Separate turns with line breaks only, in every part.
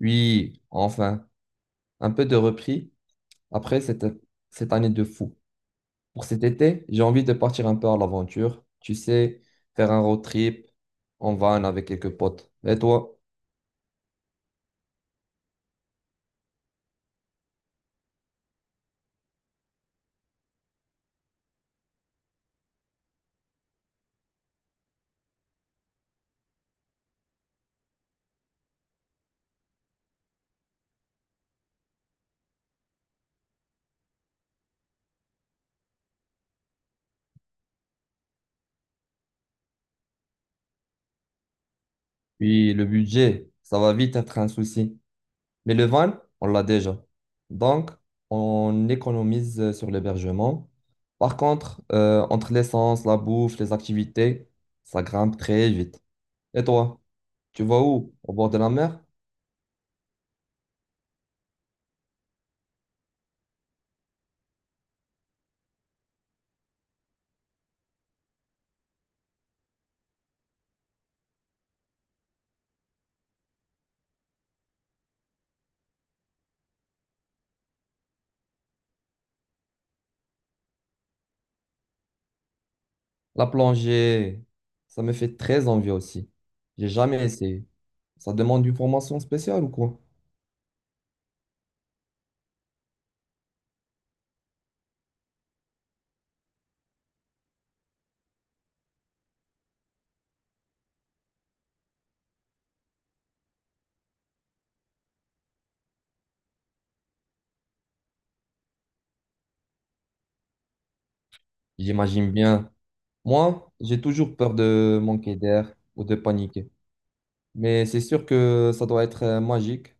Oui, enfin, un peu de repris après cette, cette année de fou. Pour cet été, j'ai envie de partir un peu à l'aventure. Tu sais, faire un road trip en van avec quelques potes. Et toi? Oui, le budget, ça va vite être un souci. Mais le van, on l'a déjà. Donc, on économise sur l'hébergement. Par contre, entre l'essence, la bouffe, les activités, ça grimpe très vite. Et toi? Tu vas où? Au bord de la mer? La plongée, ça me fait très envie aussi. J'ai jamais essayé. Ça demande une formation spéciale ou quoi? J'imagine bien. Moi, j'ai toujours peur de manquer d'air ou de paniquer. Mais c'est sûr que ça doit être magique.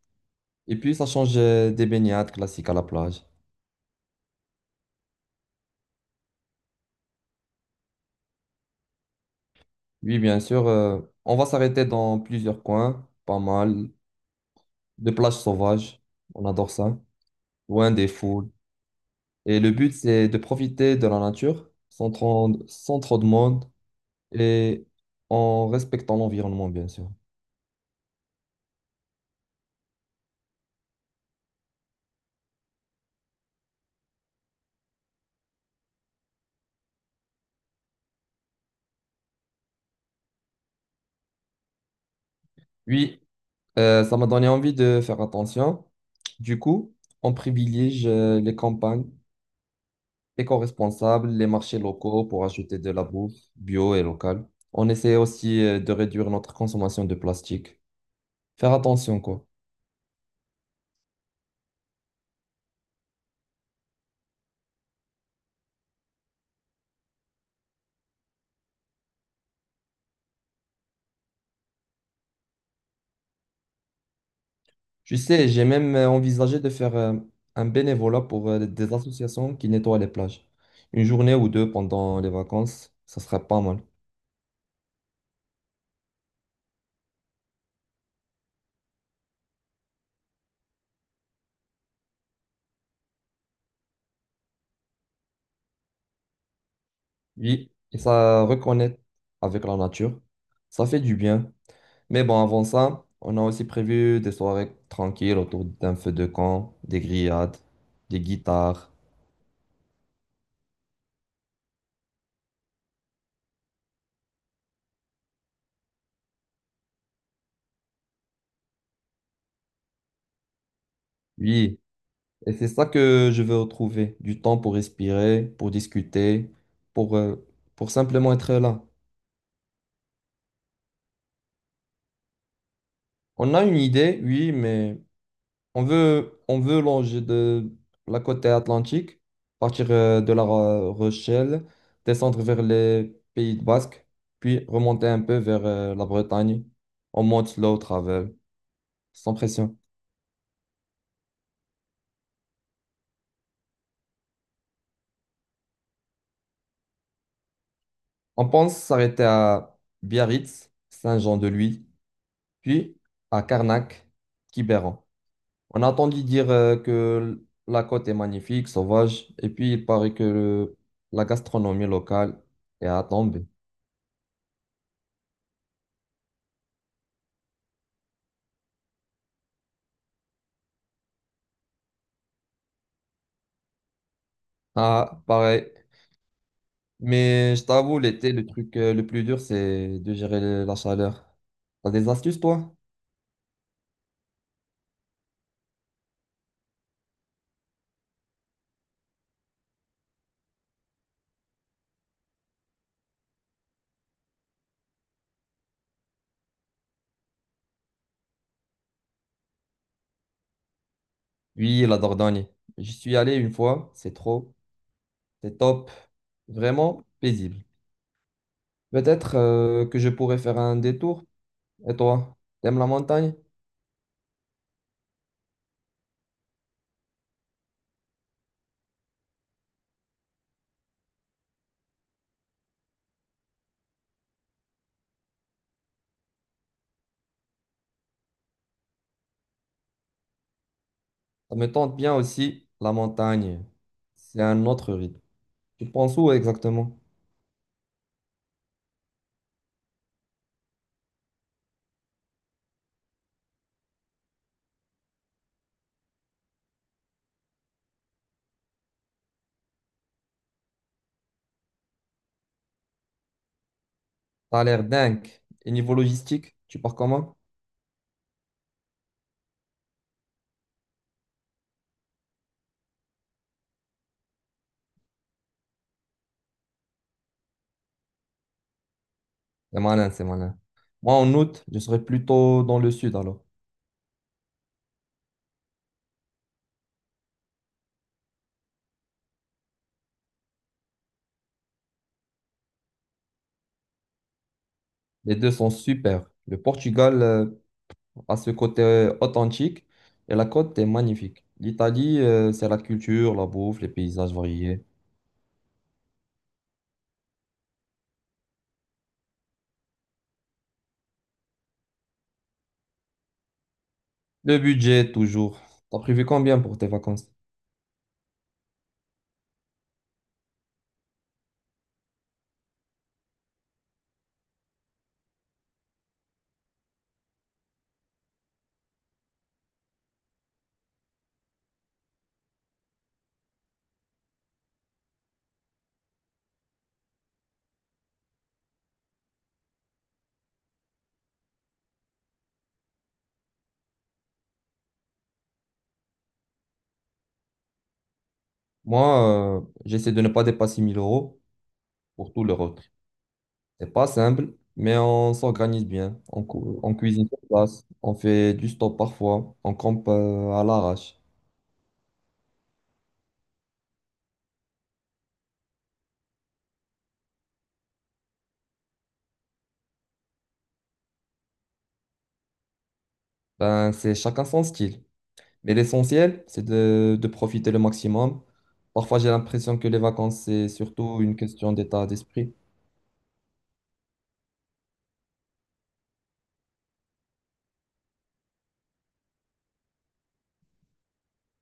Et puis, ça change des baignades classiques à la plage. Oui, bien sûr, on va s'arrêter dans plusieurs coins, pas mal, de plages sauvages. On adore ça, loin des foules. Et le but, c'est de profiter de la nature sans trop, sans trop de monde et en respectant l'environnement, bien sûr. Oui, ça m'a donné envie de faire attention. Du coup, on privilégie les campagnes éco-responsables, les marchés locaux pour acheter de la bouffe bio et locale. On essaie aussi de réduire notre consommation de plastique. Faire attention, quoi. Tu sais, j'ai même envisagé de faire un bénévolat pour des associations qui nettoient les plages. Une journée ou deux pendant les vacances, ça serait pas mal. Oui, et ça reconnecte avec la nature. Ça fait du bien. Mais bon, avant ça, on a aussi prévu des soirées tranquilles autour d'un feu de camp, des grillades, des guitares. Oui, et c'est ça que je veux retrouver, du temps pour respirer, pour discuter, pour, euh, pour simplement être là. On a une idée, oui, mais on veut, on veut longer de la côte atlantique, partir de la Rochelle, descendre vers les Pays de Basque, puis remonter un peu vers la Bretagne. On monte slow travel, sans pression. On pense s'arrêter à Biarritz, Saint-Jean-de-Luz, puis à Carnac, Quiberon. On a entendu dire que la côte est magnifique, sauvage, et puis il paraît que la gastronomie locale est à tomber. Ah, pareil. Mais je t'avoue, l'été, le truc le plus dur, c'est de gérer la chaleur. T'as des astuces, toi? Oui, la Dordogne. J'y suis allé une fois, c'est trop, c'est top, vraiment paisible. Peut-être que je pourrais faire un détour. Et toi, t'aimes la montagne? Ça me tente bien aussi, la montagne. C'est un autre rythme. Tu penses où exactement? T'as l'air dingue. Et niveau logistique, tu pars comment? C'est malin, c'est malin. Moi, en août, je serai plutôt dans le sud alors. Les deux sont super. Le Portugal a ce côté authentique et la côte est magnifique. L'Italie, c'est la culture, la bouffe, les paysages variés. Le budget, toujours. T'as prévu combien pour tes vacances? Moi, j'essaie de ne pas dépasser 1000 euros pour tout le road trip. C'est pas simple, mais on s'organise bien. On, on cuisine sur place, on fait du stop parfois, on campe à l'arrache. Ben, c'est chacun son style. Mais l'essentiel, c'est de profiter le maximum. Parfois, j'ai l'impression que les vacances, c'est surtout une question d'état d'esprit.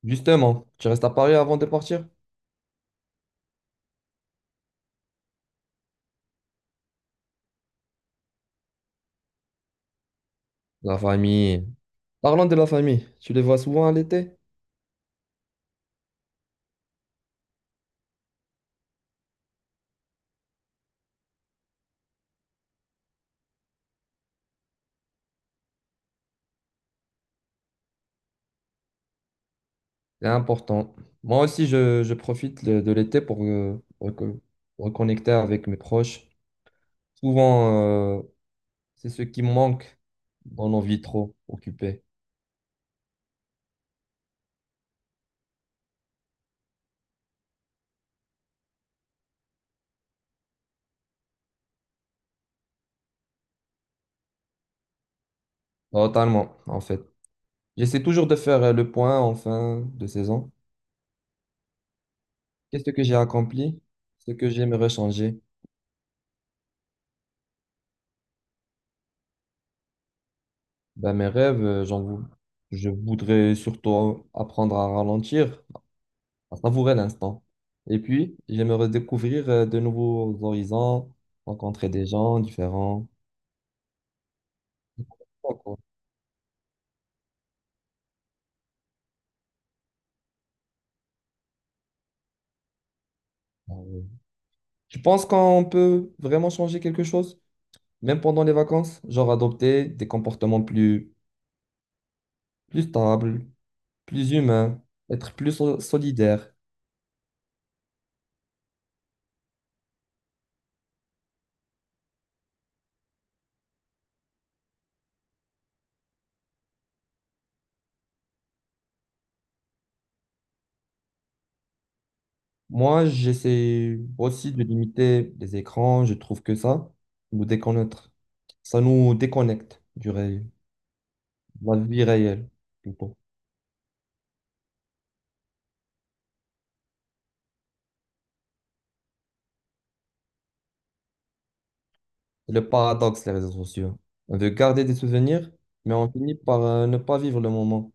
Justement, tu restes à Paris avant de partir? La famille. Parlons de la famille. Tu les vois souvent à l'été? C'est important. Moi aussi, je profite de l'été pour, reconnecter avec mes proches. Souvent, euh, c'est ce qui manque dans nos vies trop occupées. Totalement, en fait. J'essaie toujours de faire le point en fin de saison. Qu'est-ce que j'ai accompli? Ce que j'aimerais changer? Ben, mes rêves, je voudrais surtout apprendre à ralentir, à savourer l'instant. Et puis, j'aimerais découvrir de nouveaux horizons, rencontrer des gens différents. Bon, quoi. Euh, Tu penses qu'on peut vraiment changer quelque chose, même pendant les vacances? Genre adopter des comportements plus stable, plus humain, être plus solidaire. Moi, j'essaie aussi de limiter les écrans. Je trouve que ça nous déconnecte. Ça nous déconnecte du réel, de la vie réelle, plutôt. C'est le paradoxe, les réseaux sociaux. On veut garder des souvenirs, mais on finit par ne pas vivre le moment.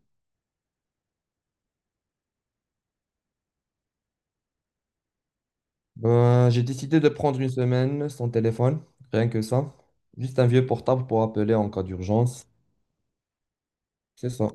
Ben, j'ai décidé de prendre une semaine sans téléphone, rien que ça. Juste un vieux portable pour appeler en cas d'urgence. C'est ça.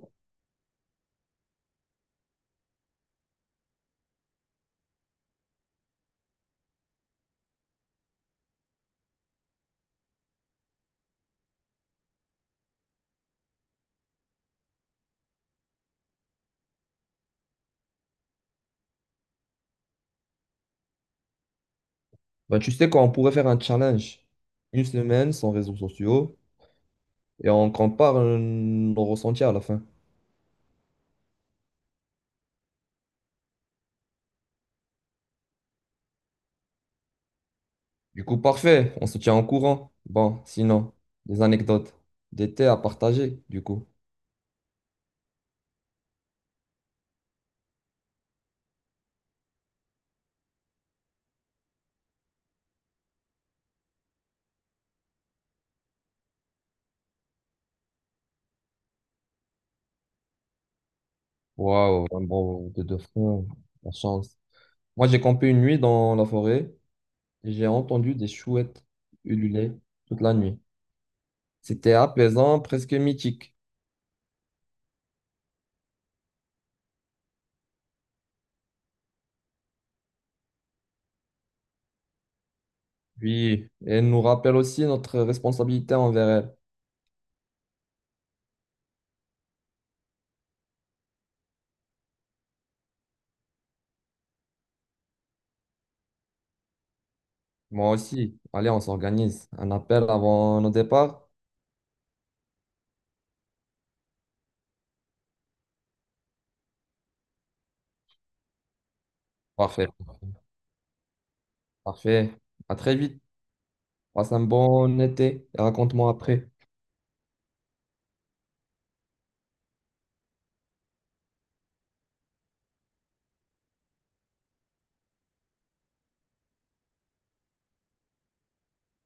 Bah, tu sais quoi, on pourrait faire un challenge. Une semaine sans réseaux sociaux et on compare nos ressentis à la fin. Du coup, parfait, on se tient en courant. Bon, sinon, des anecdotes, des thés à partager, du coup. Waouh, un bon de deux fronts, la chance. Moi, j'ai campé une nuit dans la forêt et j'ai entendu des chouettes ululer toute la nuit. C'était apaisant, presque mythique. Oui, et elle nous rappelle aussi notre responsabilité envers elles. Moi aussi. Allez, on s'organise. Un appel avant nos départs. Parfait. Parfait. À très vite. Passe un bon été et raconte-moi après.